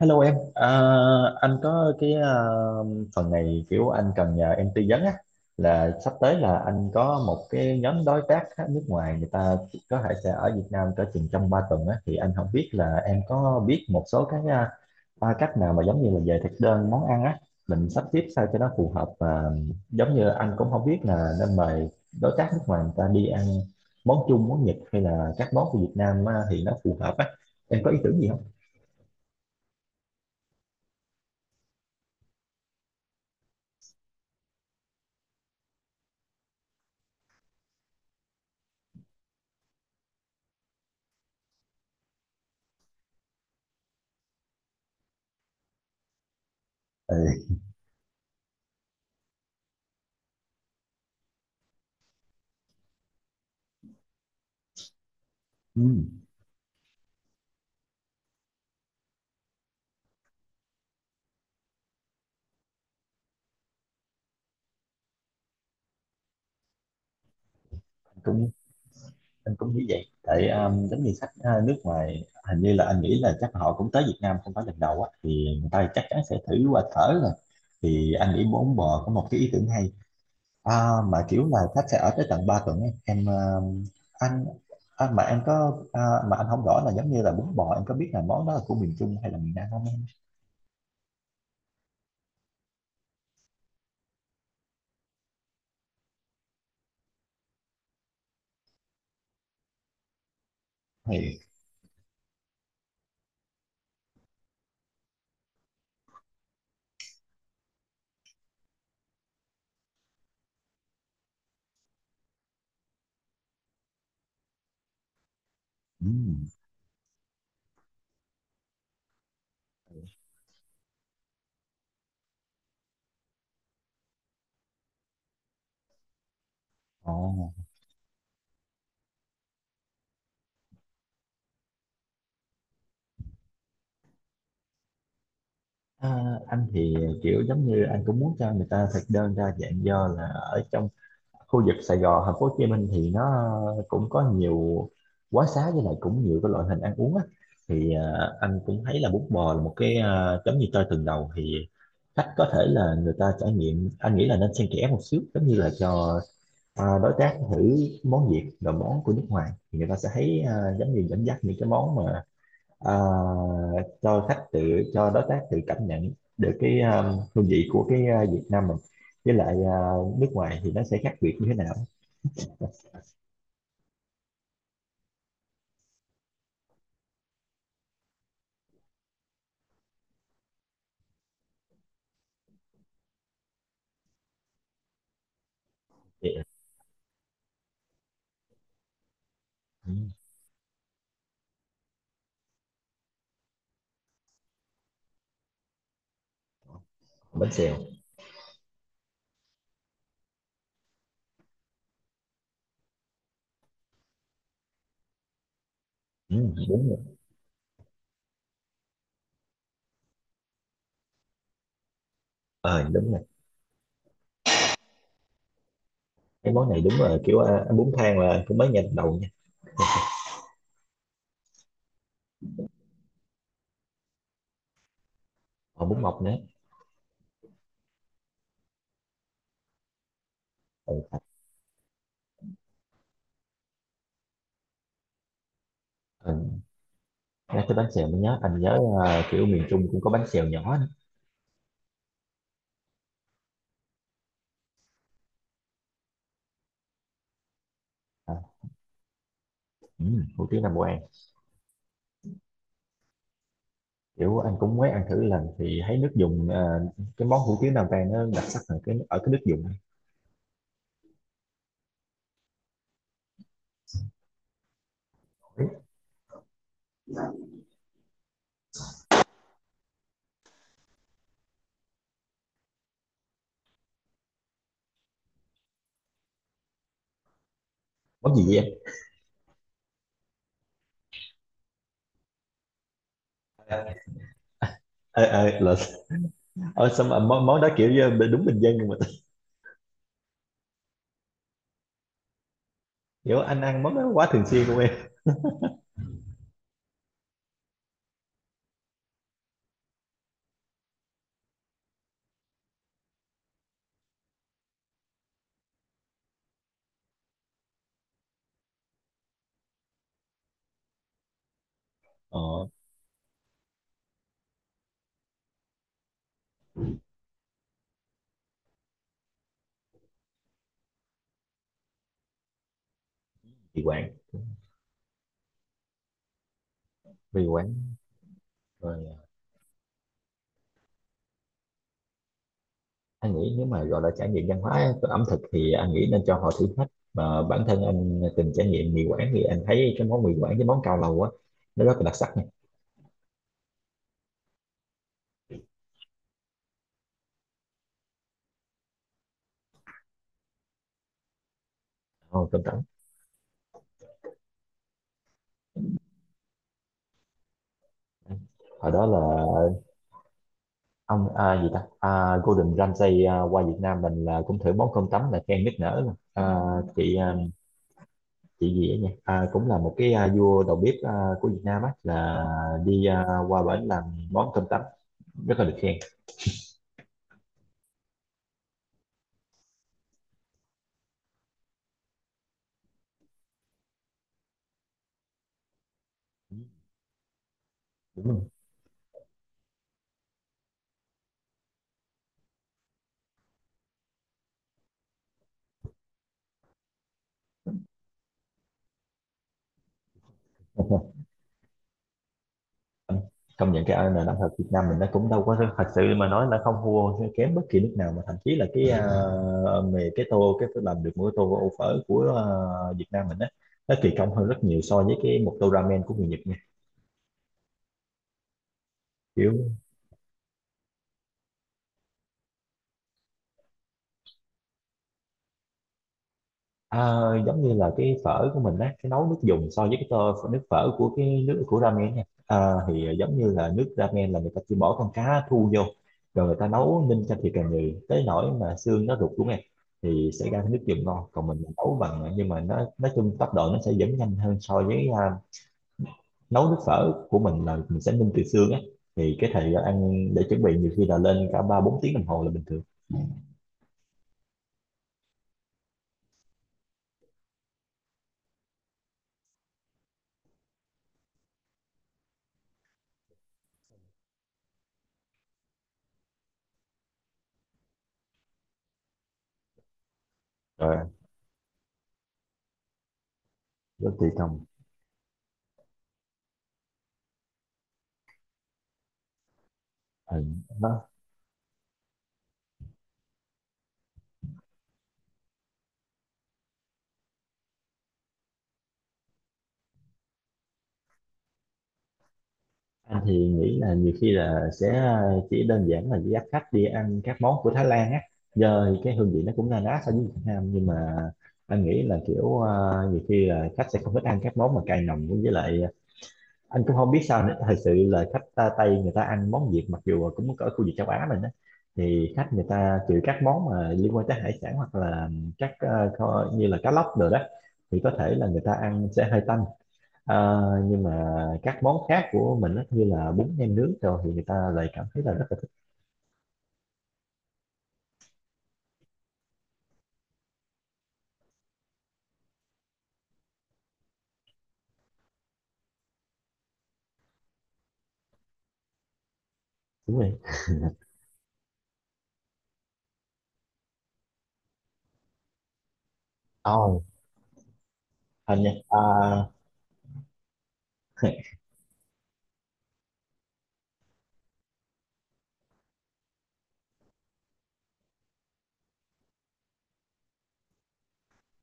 Hello em, anh có cái phần này kiểu anh cần nhờ em tư vấn á, là sắp tới là anh có một cái nhóm đối tác á, nước ngoài người ta có thể sẽ ở Việt Nam cỡ chừng trong 3 tuần á. Thì anh không biết là em có biết một số cái ba cách nào mà giống như là về thực đơn món ăn á, mình sắp xếp sao cho nó phù hợp. Và giống như anh cũng không biết là nên mời đối tác nước ngoài người ta đi ăn món Trung, món Nhật hay là các món của Việt Nam á, thì nó phù hợp á. Em có ý tưởng gì không? Ừ. Ừ. Cũng anh cũng nghĩ vậy tại giống như khách nước ngoài, hình như là anh nghĩ là chắc họ cũng tới Việt Nam không phải lần đầu á, thì người ta chắc chắn sẽ thử qua thở rồi. Thì anh nghĩ bốn bò có một cái ý tưởng hay, mà kiểu là khách sẽ ở tới tận 3 tuần ấy. Em anh anh mà em có mà anh không rõ là giống như là bún bò em có biết là món đó là của miền Trung hay là miền Nam không em? Thì ừm, ồ. À, anh thì kiểu giống như anh cũng muốn cho người ta thực đơn đa dạng, do là ở trong khu vực Sài Gòn, thành phố Hồ Chí Minh thì nó cũng có nhiều quán xá, với lại cũng nhiều cái loại hình ăn uống á. Thì anh cũng thấy là bún bò là một cái giống như chơi từng đầu. Thì khách có thể là người ta trải nghiệm, anh nghĩ là nên xen kẽ một xíu, giống như là cho đối tác thử món Việt rồi món của nước ngoài, thì người ta sẽ thấy giống như dẫn dắt những cái món mà ờ, cho khách tự, cho đối tác tự cảm nhận được cái hương vị của cái Việt Nam mình với lại nước ngoài thì nó sẽ khác biệt như thế nào. Vậy à? Ừ. Bánh xèo. Ừ, đúng rồi. Ờ đúng rồi. Cái món này đúng là kiểu, ăn bún thang là cũng mới nghe đầu nha. Còn bún mọc nữa. Ừ. Ừ. Nhắc tới bánh xèo mới nhớ, anh nhớ kiểu miền Trung cũng có bánh xèo nhỏ nữa. À, ừ, hủ tiếu Nam Vang. Kiểu anh cũng mới ăn thử lần thì thấy nước dùng, cái món hủ tiếu Nam Vang nó đặc sắc ở cái, ở cái nước dùng. Món gì vậy em? Ờ ờ là. Ờ, xong mà món đó kiểu như đúng bình dân nhưng mà kiểu anh ăn món đó quá thường xuyên luôn em. Ờ. Mì Quảng. Mì Quảng rồi. Anh nghĩ nếu mà gọi là trải nghiệm văn hóa ẩm thực thì anh nghĩ nên cho họ thử thách, mà bản thân anh từng trải nghiệm mì Quảng thì anh thấy cái món mì Quảng với món cao lầu á, nó rất là đặc sắc nha. Oh, cơm trắng. Hồi đó là ông gì ta Gordon Ramsay qua Việt Nam mình là cũng thử món cơm tấm là khen nức nở mà. Chị chị gì ấy nhỉ, cũng là một cái vua đầu bếp của Việt Nam á, là đi qua bển làm món cơm tấm rất là được khen. Đúng rồi. Công nhận cái nền âm nhạc Việt Nam mình nó cũng đâu có thật sự mà nói là không thua kém bất kỳ nước nào, mà thậm chí là cái về cái tô, cái làm được mỗi tô ô phở của Việt Nam mình á, nó kỳ công hơn rất nhiều so với cái một tô ramen của người Nhật nha. Kiểu. À, giống như là cái phở của mình á, cái nấu nước dùng so với cái tô nước phở của cái nước của ramen nha, thì giống như là nước ramen là người ta chỉ bỏ con cá thu vô rồi người ta nấu ninh cho thiệt là nhiều tới nỗi mà xương nó rụt xuống em. Thì sẽ ra cái nước dùng ngon, còn mình nấu bằng nhưng mà nó nói chung tốc độ nó sẽ vẫn nhanh hơn so với nấu nước phở của mình là mình sẽ ninh từ xương á, thì cái thời gian ăn để chuẩn bị nhiều khi là lên cả ba bốn tiếng đồng hồ là bình thường. Rồi. Rất tùy trong. Ừ. Nó. Anh thì nghĩ là nhiều khi là sẽ chỉ đơn giản là dắt khách đi ăn các món của Thái Lan á, giờ cái hương vị nó cũng na ná so với Việt Nam, nhưng mà anh nghĩ là kiểu nhiều khi là khách sẽ không thích ăn các món mà cay nồng, với lại anh cũng không biết sao nữa. Thật sự là khách ta Tây, người ta ăn món Việt mặc dù cũng ở khu vực châu Á mình á, thì khách người ta trừ các món mà liên quan tới hải sản hoặc là các như là cá lóc rồi đó, thì có thể là người ta ăn sẽ hơi tanh. Ờ, nhưng mà các món khác của mình á, như là bún nem nướng rồi, thì người ta lại cảm thấy là rất là thú vị. Ồ, hình như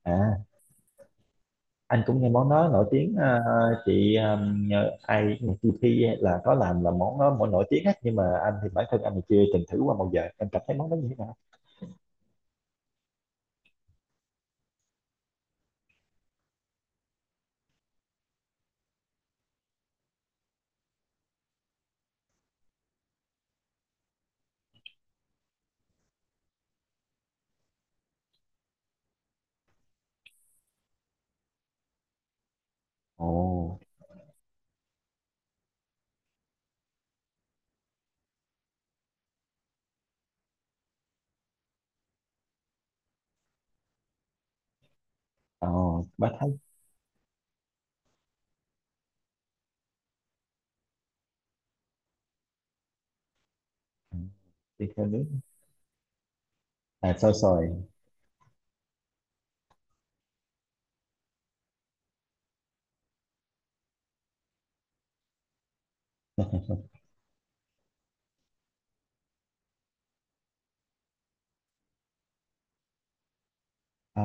à, anh cũng nghe món đó nổi tiếng, chị nhờ ai chị Thi là có làm là món đó, món nổi tiếng á. Nhưng mà anh thì bản thân anh thì chưa từng thử qua bao giờ, em cảm thấy món đó như thế nào? Ồ, ồ, bá thấy. Ừ, thịt heo nướng, xôi xoài, à,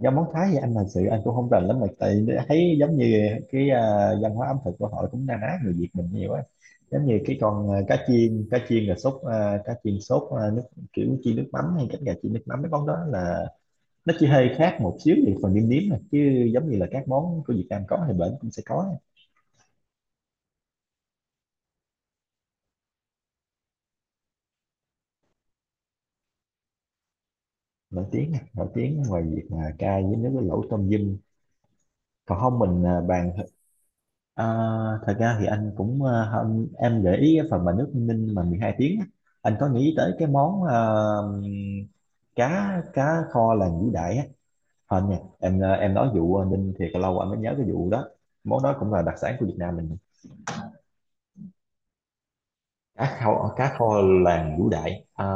do món Thái thì anh thật sự anh cũng không rành lắm, mà tại thấy giống như cái văn hóa ẩm thực của họ cũng na ná người Việt mình nhiều á, giống như cái con cá chiên là sốt, cá chiên sốt nước kiểu chiên nước mắm, hay cánh gà chiên nước mắm, mấy món đó là nó chỉ hơi khác một xíu về phần nêm nếm nè, chứ giống như là các món của Việt Nam có thì bển cũng sẽ có. Nổi tiếng nè, nổi tiếng ngoài việc mà cay với nước với lẩu tôm dâm, còn không mình bàn. À, thật ra thì anh cũng không, em gợi ý cái phần mà nước ninh mà 12 tiếng á, anh có nghĩ tới cái món cá, cá kho làng Vũ Đại á không nha em. Ờ, em nói vụ ninh thì lâu anh mới nhớ cái vụ đó, món đó cũng là đặc sản của Việt Nam mình. Cá kho, cá kho làng Vũ Đại,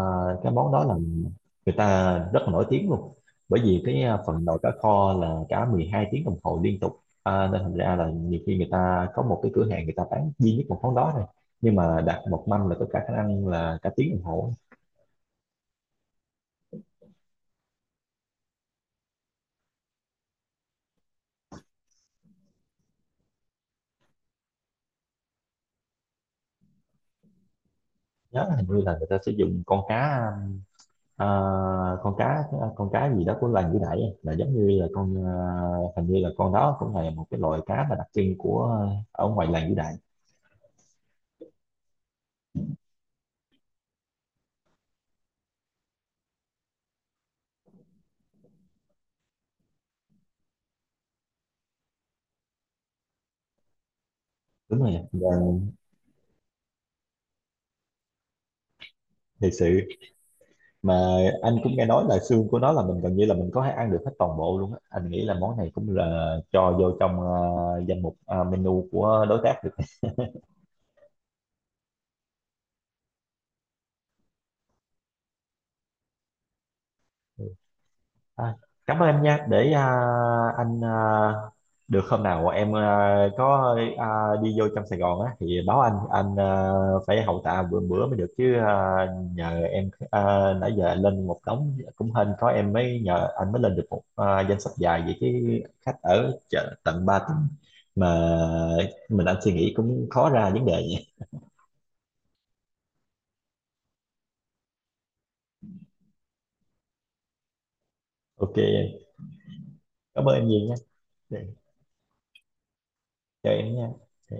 cái món đó là người ta rất là nổi tiếng luôn, bởi vì cái phần nồi cá kho là cả 12 tiếng đồng hồ liên tục, nên thành ra là nhiều khi người ta có một cái cửa hàng người ta bán duy nhất một món đó thôi, nhưng mà đặt một mâm là có cả khả năng là cả tiếng đồng hồ. Nhớ là hình như là người ta sử dụng con cá à, con cá con cá gì đó của làng Vũ Đại ấy. Là giống như là con, hình như là con đó cũng là một cái loại cá mà đặc trưng của ở ngoài làng Vũ Đại. Đúng rồi. Thiệt sự mà anh cũng nghe nói là xương của nó là mình gần như là mình có thể ăn được hết toàn bộ luôn á, anh nghĩ là món này cũng là cho vô trong danh mục menu của đối tác được. À, cảm ơn em nha, để anh được hôm nào em có đi vô trong Sài Gòn á thì báo anh, phải hậu tạ bữa bữa mới được chứ, nhờ em nãy giờ anh lên một đống cũng hên có em mới nhờ, anh mới lên được một danh sách dài vậy chứ. Khách ở chợ tận ba tuần mà, mình anh suy nghĩ cũng khó ra vấn đề nha. OK em. Cảm ơn em nhiều nha. Chào em nha.